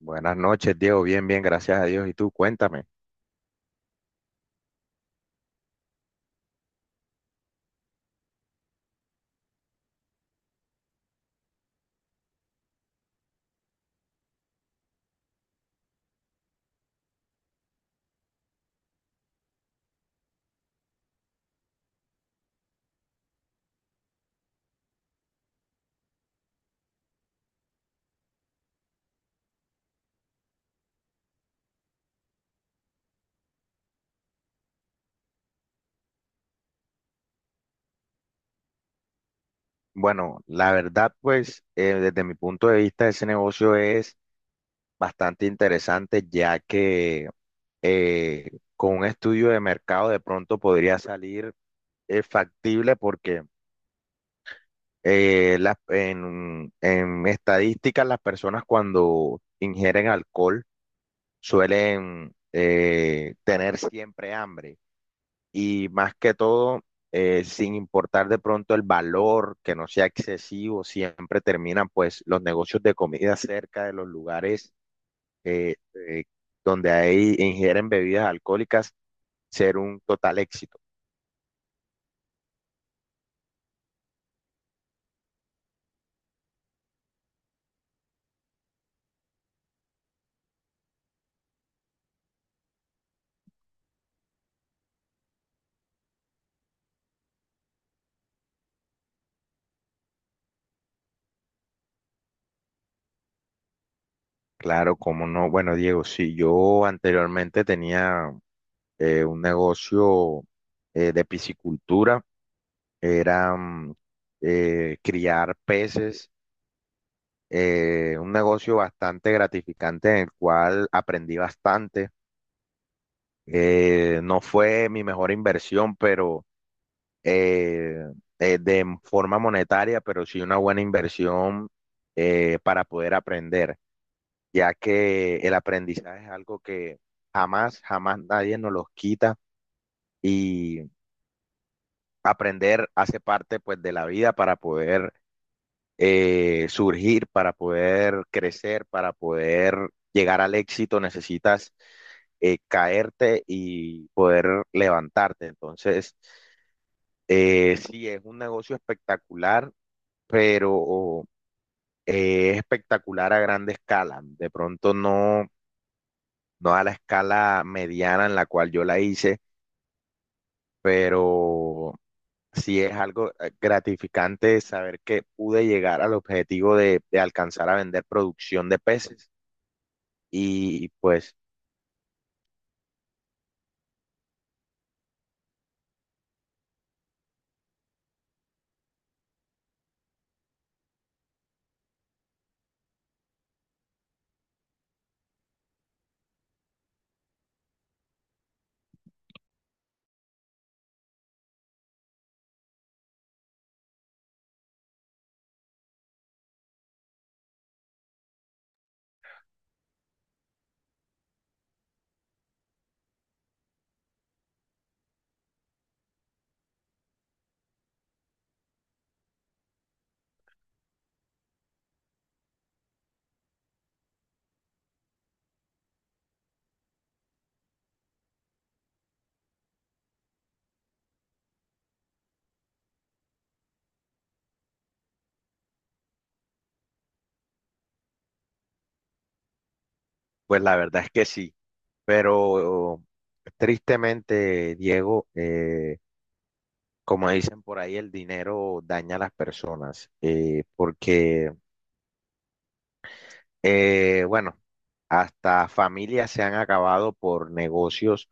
Buenas noches, Diego. Bien, bien, gracias a Dios. ¿Y tú? Cuéntame. Bueno, la verdad, pues, desde mi punto de vista, ese negocio es bastante interesante, ya que con un estudio de mercado de pronto podría salir factible porque en estadísticas las personas cuando ingieren alcohol suelen tener siempre hambre. Y más que todo, sin importar de pronto el valor, que no sea excesivo, siempre terminan pues los negocios de comida cerca de los lugares eh, eh, donde ahí ingieren bebidas alcohólicas ser un total éxito. Claro, como no. Bueno, Diego, si yo anteriormente tenía un negocio de piscicultura, era criar peces, un negocio bastante gratificante en el cual aprendí bastante. No fue mi mejor inversión, pero eh, de forma monetaria, pero sí una buena inversión para poder aprender, ya que el aprendizaje es algo que jamás, jamás nadie nos los quita, y aprender hace parte pues de la vida para poder surgir, para poder crecer, para poder llegar al éxito. Necesitas caerte y poder levantarte. Entonces, sí, es un negocio espectacular, pero es espectacular a grande escala. De pronto no, no a la escala mediana en la cual yo la hice, pero sí es algo gratificante saber que pude llegar al objetivo de alcanzar a vender producción de peces. Y pues, pues la verdad es que sí, pero tristemente, Diego, como dicen por ahí, el dinero daña a las personas. Porque, bueno, hasta familias se han acabado por negocios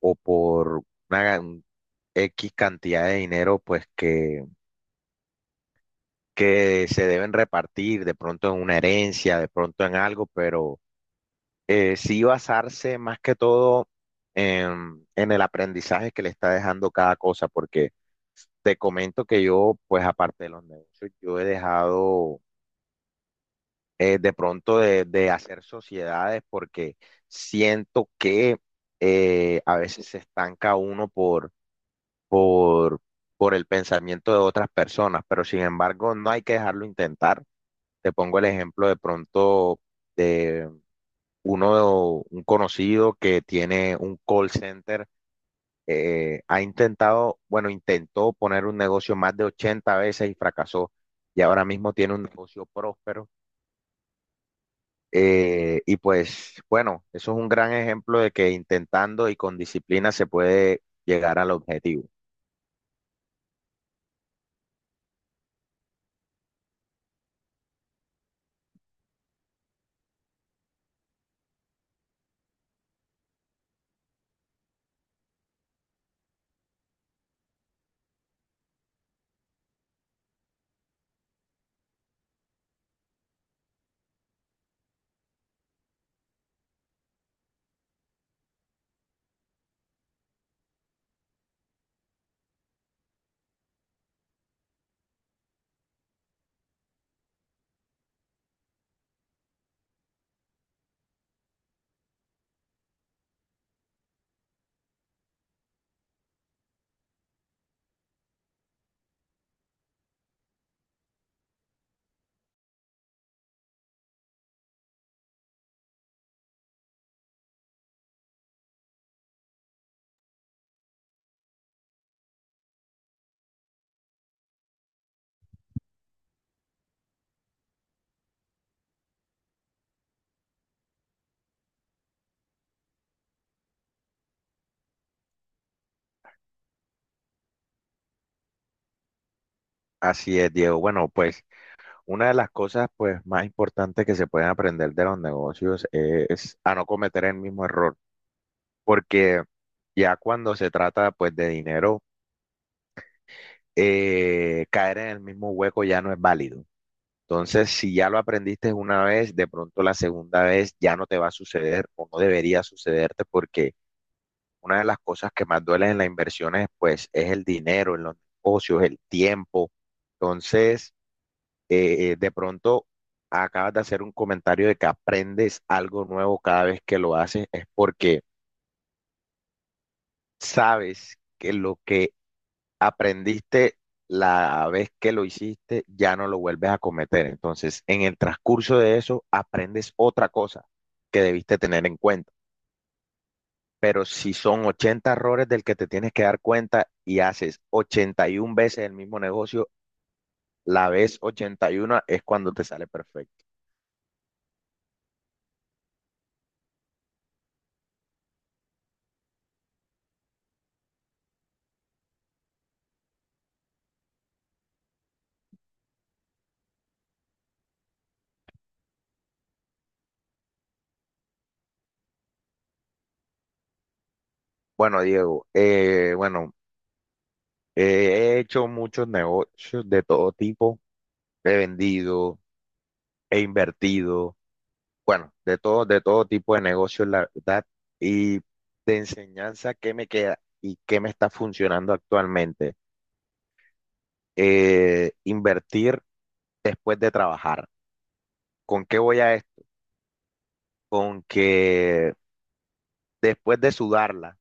o por una gan- X cantidad de dinero, pues que se deben repartir de pronto en una herencia, de pronto en algo. Pero sí, basarse más que todo en el aprendizaje que le está dejando cada cosa, porque te comento que yo, pues aparte de los negocios, yo he dejado de pronto de hacer sociedades, porque siento que a veces se estanca uno por, por el pensamiento de otras personas, pero sin embargo no hay que dejarlo intentar. Te pongo el ejemplo de pronto uno, un conocido que tiene un call center. Ha intentado, bueno, intentó poner un negocio más de 80 veces y fracasó, y ahora mismo tiene un negocio próspero. Y pues, bueno, eso es un gran ejemplo de que intentando y con disciplina se puede llegar al objetivo. Así es, Diego. Bueno, pues una de las cosas pues más importantes que se pueden aprender de los negocios es a no cometer el mismo error, porque ya cuando se trata pues de dinero, caer en el mismo hueco ya no es válido. Entonces, si ya lo aprendiste una vez, de pronto la segunda vez ya no te va a suceder o no debería sucederte, porque una de las cosas que más duelen en las inversiones, pues, es el dinero; en los negocios, el tiempo. Entonces, de pronto acabas de hacer un comentario de que aprendes algo nuevo cada vez que lo haces, es porque sabes que lo que aprendiste la vez que lo hiciste, ya no lo vuelves a cometer. Entonces, en el transcurso de eso, aprendes otra cosa que debiste tener en cuenta. Pero si son 80 errores del que te tienes que dar cuenta y haces 81 veces el mismo negocio, la vez 81 es cuando te sale perfecto. Bueno, Diego, bueno, he hecho muchos negocios de todo tipo, he vendido, he invertido. Bueno, de todo tipo de negocios, la verdad. Y de enseñanza, ¿qué me queda y qué me está funcionando actualmente? Invertir después de trabajar. ¿Con qué voy a esto? Con que después de sudarla,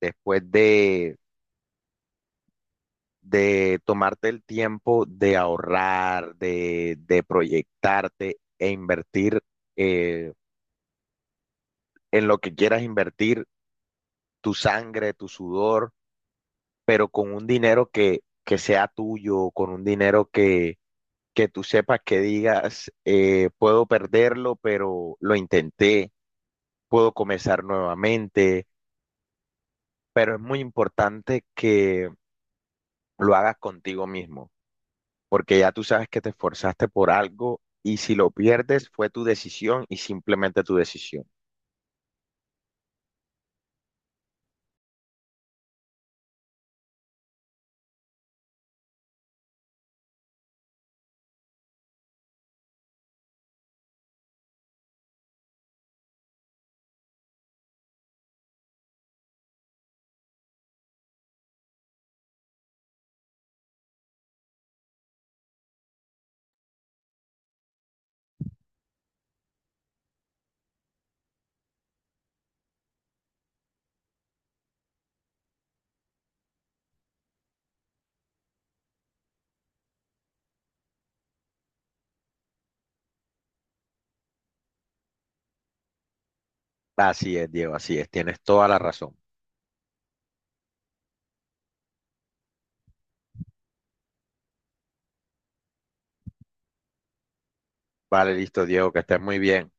después de tomarte el tiempo de ahorrar, de proyectarte e invertir eh, en lo que quieras invertir, tu sangre, tu sudor, pero con un dinero que sea tuyo, con un dinero que tú sepas, que digas, puedo perderlo, pero lo intenté, puedo comenzar nuevamente. Pero es muy importante que lo hagas contigo mismo, porque ya tú sabes que te esforzaste por algo, y si lo pierdes fue tu decisión y simplemente tu decisión. Así es, Diego, así es, tienes toda la razón. Vale, listo, Diego, que estés muy bien.